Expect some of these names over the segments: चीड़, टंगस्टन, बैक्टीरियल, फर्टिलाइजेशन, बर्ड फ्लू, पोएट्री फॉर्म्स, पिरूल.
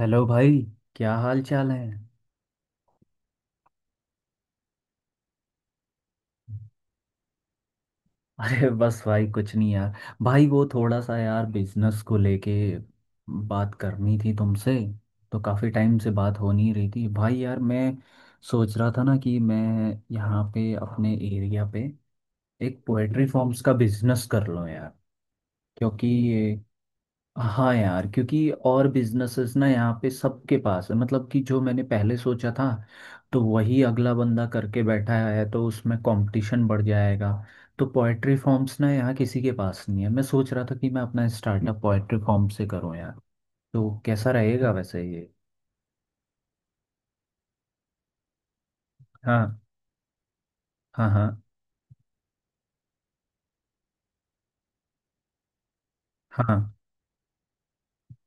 Hello भाई। क्या हाल चाल है? अरे बस भाई कुछ नहीं यार। भाई वो थोड़ा सा यार बिजनेस को लेके बात करनी थी तुमसे। तो काफ़ी टाइम से बात हो नहीं रही थी भाई यार। मैं सोच रहा था ना कि मैं यहाँ पे अपने एरिया पे एक पोएट्री फॉर्म्स का बिजनेस कर लूँ यार, क्योंकि ये हाँ। यार क्योंकि और बिजनेसेस ना यहाँ पे सबके पास है, मतलब कि जो मैंने पहले सोचा था तो वही अगला बंदा करके बैठा है, तो उसमें कंपटीशन बढ़ जाएगा। तो पोएट्री फॉर्म्स ना यहाँ किसी के पास नहीं है। मैं सोच रहा था कि मैं अपना स्टार्टअप पोएट्री फॉर्म से करूँ यार। तो कैसा रहेगा वैसे ये? हाँ हाँ हाँ हाँ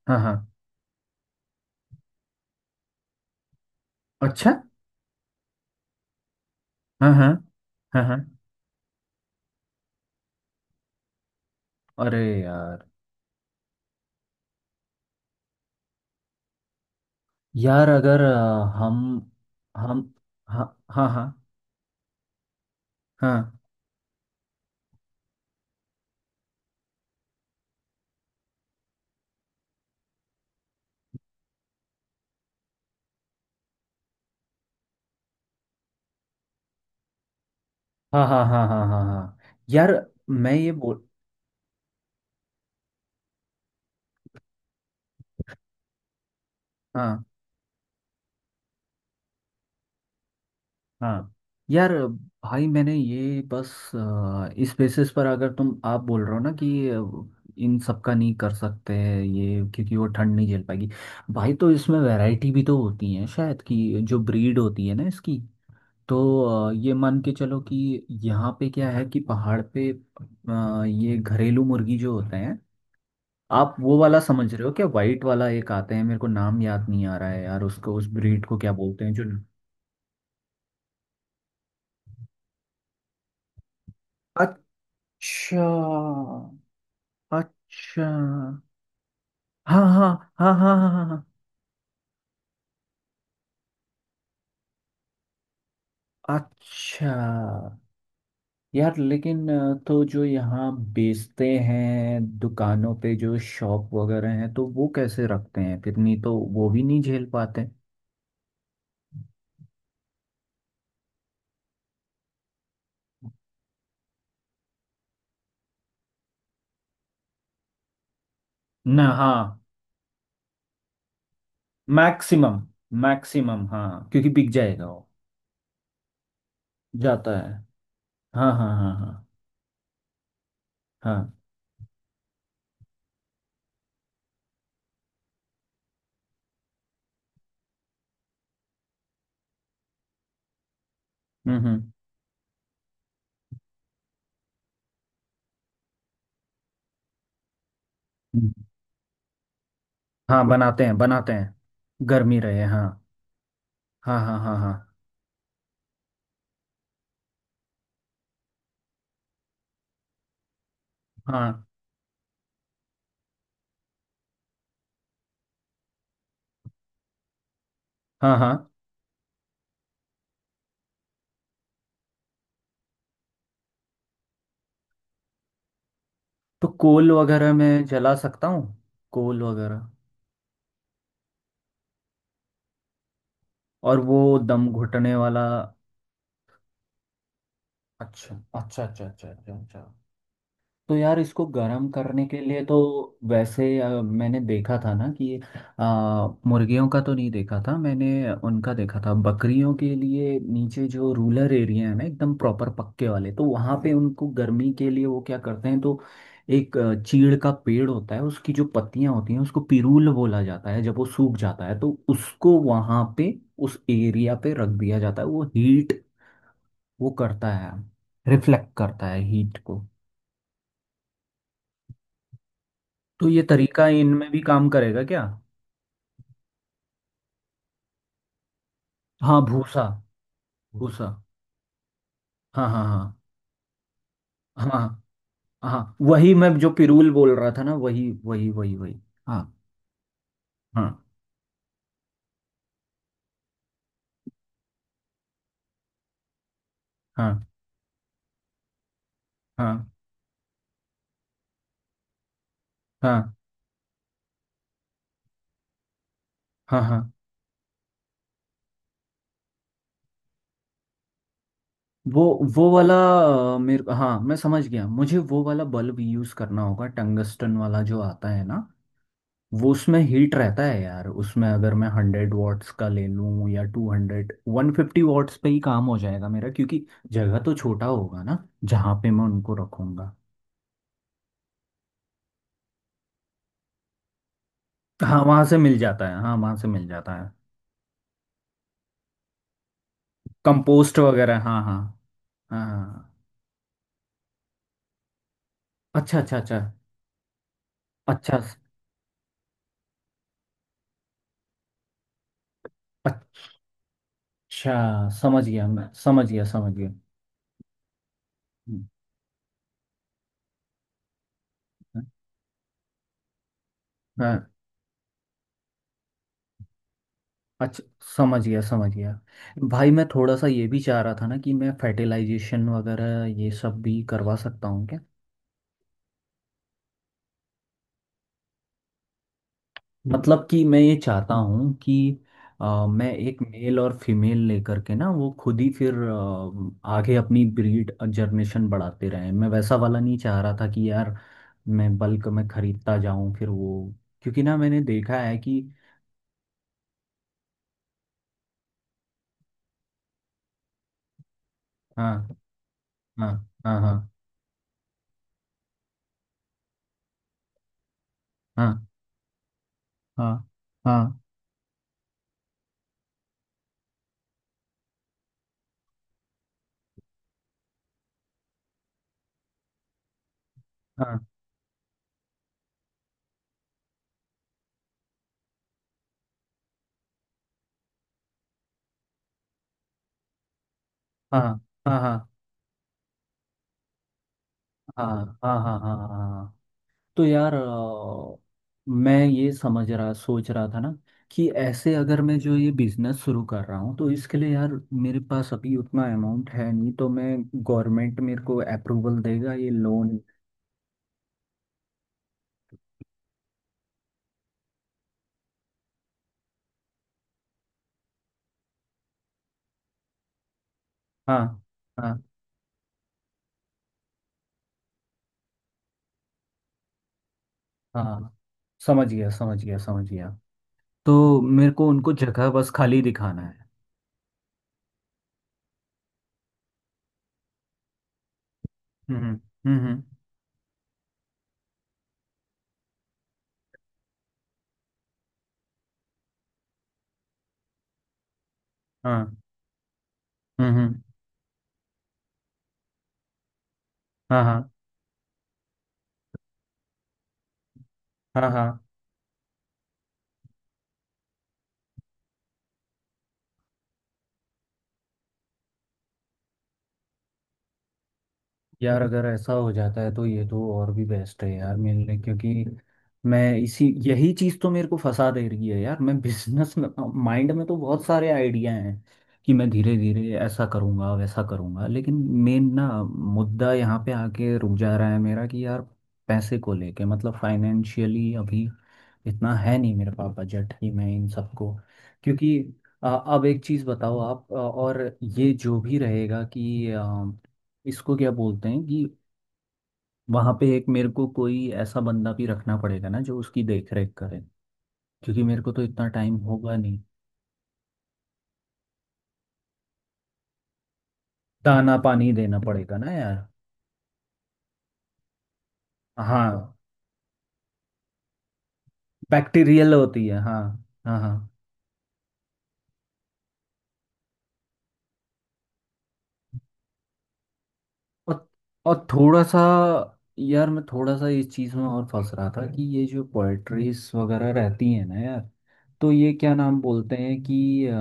हाँ हाँ। अच्छा। हाँ हाँ हाँ हाँ। अरे यार। यार अगर हम, हाँ हाँ हाँ हाँ हाँ हाँ हाँ हाँ हाँ हाँ। यार मैं ये बोल। हाँ हाँ। यार भाई मैंने ये बस इस बेसिस पर, अगर तुम आप बोल रहे हो ना कि इन सब का नहीं कर सकते हैं ये क्योंकि वो ठंड नहीं झेल पाएगी। भाई तो इसमें वैरायटी भी तो होती है शायद, कि जो ब्रीड होती है ना इसकी। तो ये मान के चलो कि यहाँ पे क्या है कि पहाड़ पे ये घरेलू मुर्गी जो होते हैं, आप वो वाला समझ रहे हो क्या? वाइट वाला एक आते हैं, मेरे को नाम याद नहीं आ रहा है यार, उसको उस ब्रीड को क्या बोलते हैं जो। अच्छा। अच्छा। हाँ हाँ हाँ हाँ हाँ हाँ हाँ। अच्छा। यार लेकिन तो जो यहाँ बेचते हैं दुकानों पे, जो शॉप वगैरह हैं, तो वो कैसे रखते हैं फिर? नहीं तो वो भी नहीं झेल पाते। ना हाँ। मैक्सिमम। मैक्सिमम हाँ, क्योंकि बिक जाएगा वो। जाता है। हाँ हाँ हाँ हाँ हाँ। हम्म, हम्म, हम्म। हाँ बनाते हैं, बनाते हैं। गर्मी रहे, हाँ। हाँ हाँ हाँ हाँ हाँ। हाँ हाँ। तो कोल वगैरह में जला सकता हूँ? कोल वगैरह। और वो दम घुटने वाला। अच्छा अच्छा अच्छा अच्छा अच्छा अच्छा। तो यार इसको गर्म करने के लिए तो वैसे मैंने देखा था ना कि अ, मुर्गियों का तो नहीं देखा था मैंने, उनका देखा था बकरियों के लिए नीचे जो रूरल एरिया है ना एकदम प्रॉपर पक्के वाले, तो वहाँ पे उनको गर्मी के लिए वो क्या करते हैं तो एक चीड़ का पेड़ होता है, उसकी जो पत्तियां होती हैं उसको पिरूल बोला जाता है, जब वो सूख जाता है तो उसको वहाँ पे उस एरिया पे रख दिया जाता है, वो हीट वो करता है, रिफ्लेक्ट करता है हीट को। तो ये तरीका इनमें भी काम करेगा क्या? हाँ भूसा, भूसा। हाँ हाँ हाँ हाँ। हाँ वही मैं जो पिरूल बोल रहा था ना, वही वही वही वही। हाँ हाँ हाँ हाँ हाँ हाँ हाँ। वो वो वाला मेरे, हाँ मैं समझ गया, मुझे वो वाला बल्ब यूज करना होगा, टंगस्टन वाला जो आता है ना, वो उसमें हीट रहता है यार। उसमें अगर मैं 100 वॉट्स का ले लूँ, या 200, 150 वॉट्स पे ही काम हो जाएगा मेरा, क्योंकि जगह तो छोटा होगा ना जहाँ पे मैं उनको रखूँगा। हाँ वहाँ से मिल जाता है, हाँ वहाँ से मिल जाता है। कंपोस्ट वगैरह, हाँ हाँ। हाँ। अच्छा अच्छा अच्छा। अच्छा अच्छा। समझ गया, मैं समझ गया, समझ गया। हम्म, हाँ। अच्छा। समझ गया, समझ गया। भाई मैं थोड़ा सा ये भी चाह रहा था ना कि मैं फर्टिलाइजेशन वगैरह ये सब भी करवा सकता हूँ। मतलब कि मैं ये चाहता हूँ कि मैं एक मेल और फीमेल लेकर के ना वो खुद ही फिर आगे अपनी ब्रीड जनरेशन बढ़ाते रहें। मैं वैसा वाला नहीं चाह रहा था कि यार मैं बल्क में खरीदता जाऊं फिर वो, क्योंकि ना मैंने देखा है कि हाँ हाँ हाँ हाँ हाँ हाँ हाँ हाँ हाँ हाँ हाँ हाँ हाँ हाँ हाँ हाँ हाँ। तो यार मैं ये समझ रहा सोच रहा था ना कि ऐसे अगर मैं जो ये बिजनेस शुरू कर रहा हूँ तो इसके लिए यार मेरे पास अभी उतना अमाउंट है नहीं, तो मैं गवर्नमेंट, मेरे को अप्रूवल देगा ये लोन? हाँ हाँ हाँ। समझ गया, समझ गया, समझ गया। तो मेरे को उनको जगह बस खाली दिखाना है। हम्म हम्म हम्म, हम्म। हाँ। हम्म। हाँ हाँ हाँ हाँ। यार अगर ऐसा हो जाता है तो ये तो और भी बेस्ट है यार मेरे लिए, क्योंकि मैं इसी यही चीज़ तो मेरे को फंसा दे रही है यार, मैं बिजनेस में माइंड में तो बहुत सारे आइडिया हैं कि मैं धीरे धीरे ऐसा करूँगा वैसा करूँगा, लेकिन मेन ना मुद्दा यहाँ पे आके रुक जा रहा है मेरा कि यार पैसे को लेके, मतलब फाइनेंशियली अभी इतना है नहीं मेरे पास बजट कि मैं इन सबको, क्योंकि अब एक चीज़ बताओ आप, और ये जो भी रहेगा कि इसको क्या बोलते हैं कि वहां पे एक मेरे को कोई ऐसा बंदा भी रखना पड़ेगा ना जो उसकी देख रेख करे, क्योंकि मेरे को तो इतना टाइम होगा नहीं। दाना पानी देना पड़ेगा ना यार। हाँ बैक्टीरियल होती है, हाँ हाँ हाँ। और और थोड़ा सा यार, मैं थोड़ा सा इस चीज में और फंस रहा था कि ये जो पोएट्रीज वगैरह रहती है ना यार, तो ये क्या नाम बोलते हैं कि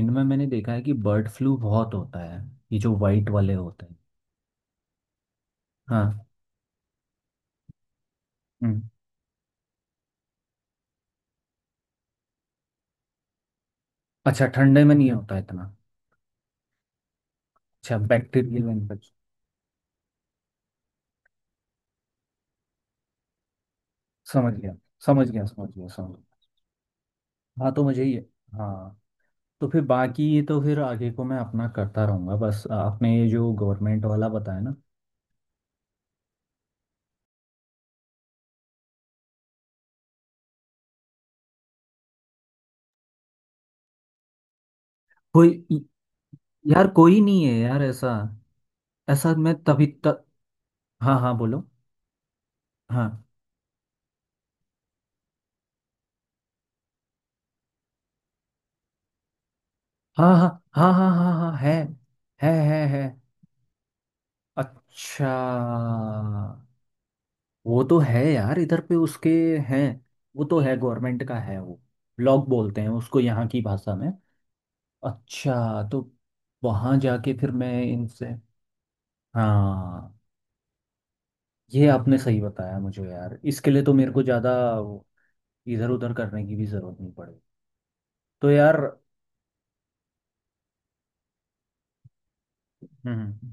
इनमें मैंने देखा है कि बर्ड फ्लू बहुत होता है, ये जो वाइट वाले होते हैं। हाँ। हम्म। अच्छा ठंडे में नहीं होता इतना? अच्छा, बैक्टीरियल इन्फेक्शन। समझ गया, समझ गया, समझ गया, समझ गया। हाँ तो मुझे ये हाँ, तो फिर बाकी ये तो फिर आगे को मैं अपना करता रहूंगा, बस आपने ये जो गवर्नमेंट वाला बताया ना। कोई, यार कोई नहीं है यार ऐसा, ऐसा मैं तभी तक हाँ हाँ बोलो। हाँ हाँ हाँ हाँ हाँ हाँ हाँ है है। अच्छा, वो तो है यार इधर पे उसके हैं। वो तो है, गवर्नमेंट का है वो, ब्लॉक बोलते हैं उसको यहाँ की भाषा में। अच्छा, तो वहाँ जाके फिर मैं इनसे। हाँ। ये आपने सही बताया मुझे यार, इसके लिए तो मेरे को ज़्यादा इधर उधर करने की भी ज़रूरत नहीं पड़ेगी। तो यार हम्म,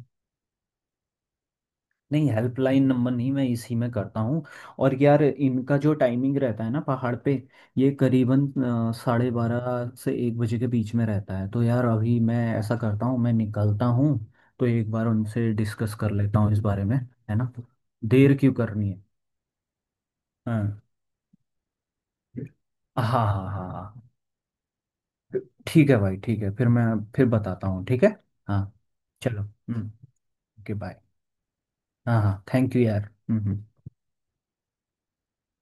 नहीं हेल्पलाइन नंबर नहीं, मैं इसी में करता हूँ। और यार इनका जो टाइमिंग रहता है ना पहाड़ पे, ये करीबन 12:30 से 1 बजे के बीच में रहता है, तो यार अभी मैं ऐसा करता हूँ, मैं निकलता हूँ। तो एक बार उनसे डिस्कस कर लेता हूँ इस बारे में, है ना? देर क्यों करनी है? हाँ हाँ हाँ हाँ हाँ। ठीक है भाई, ठीक है, फिर मैं फिर बताता हूँ, ठीक है। हाँ, चलो। हम्म, ओके बाय। हाँ हाँ, थैंक यू यार। हम्म।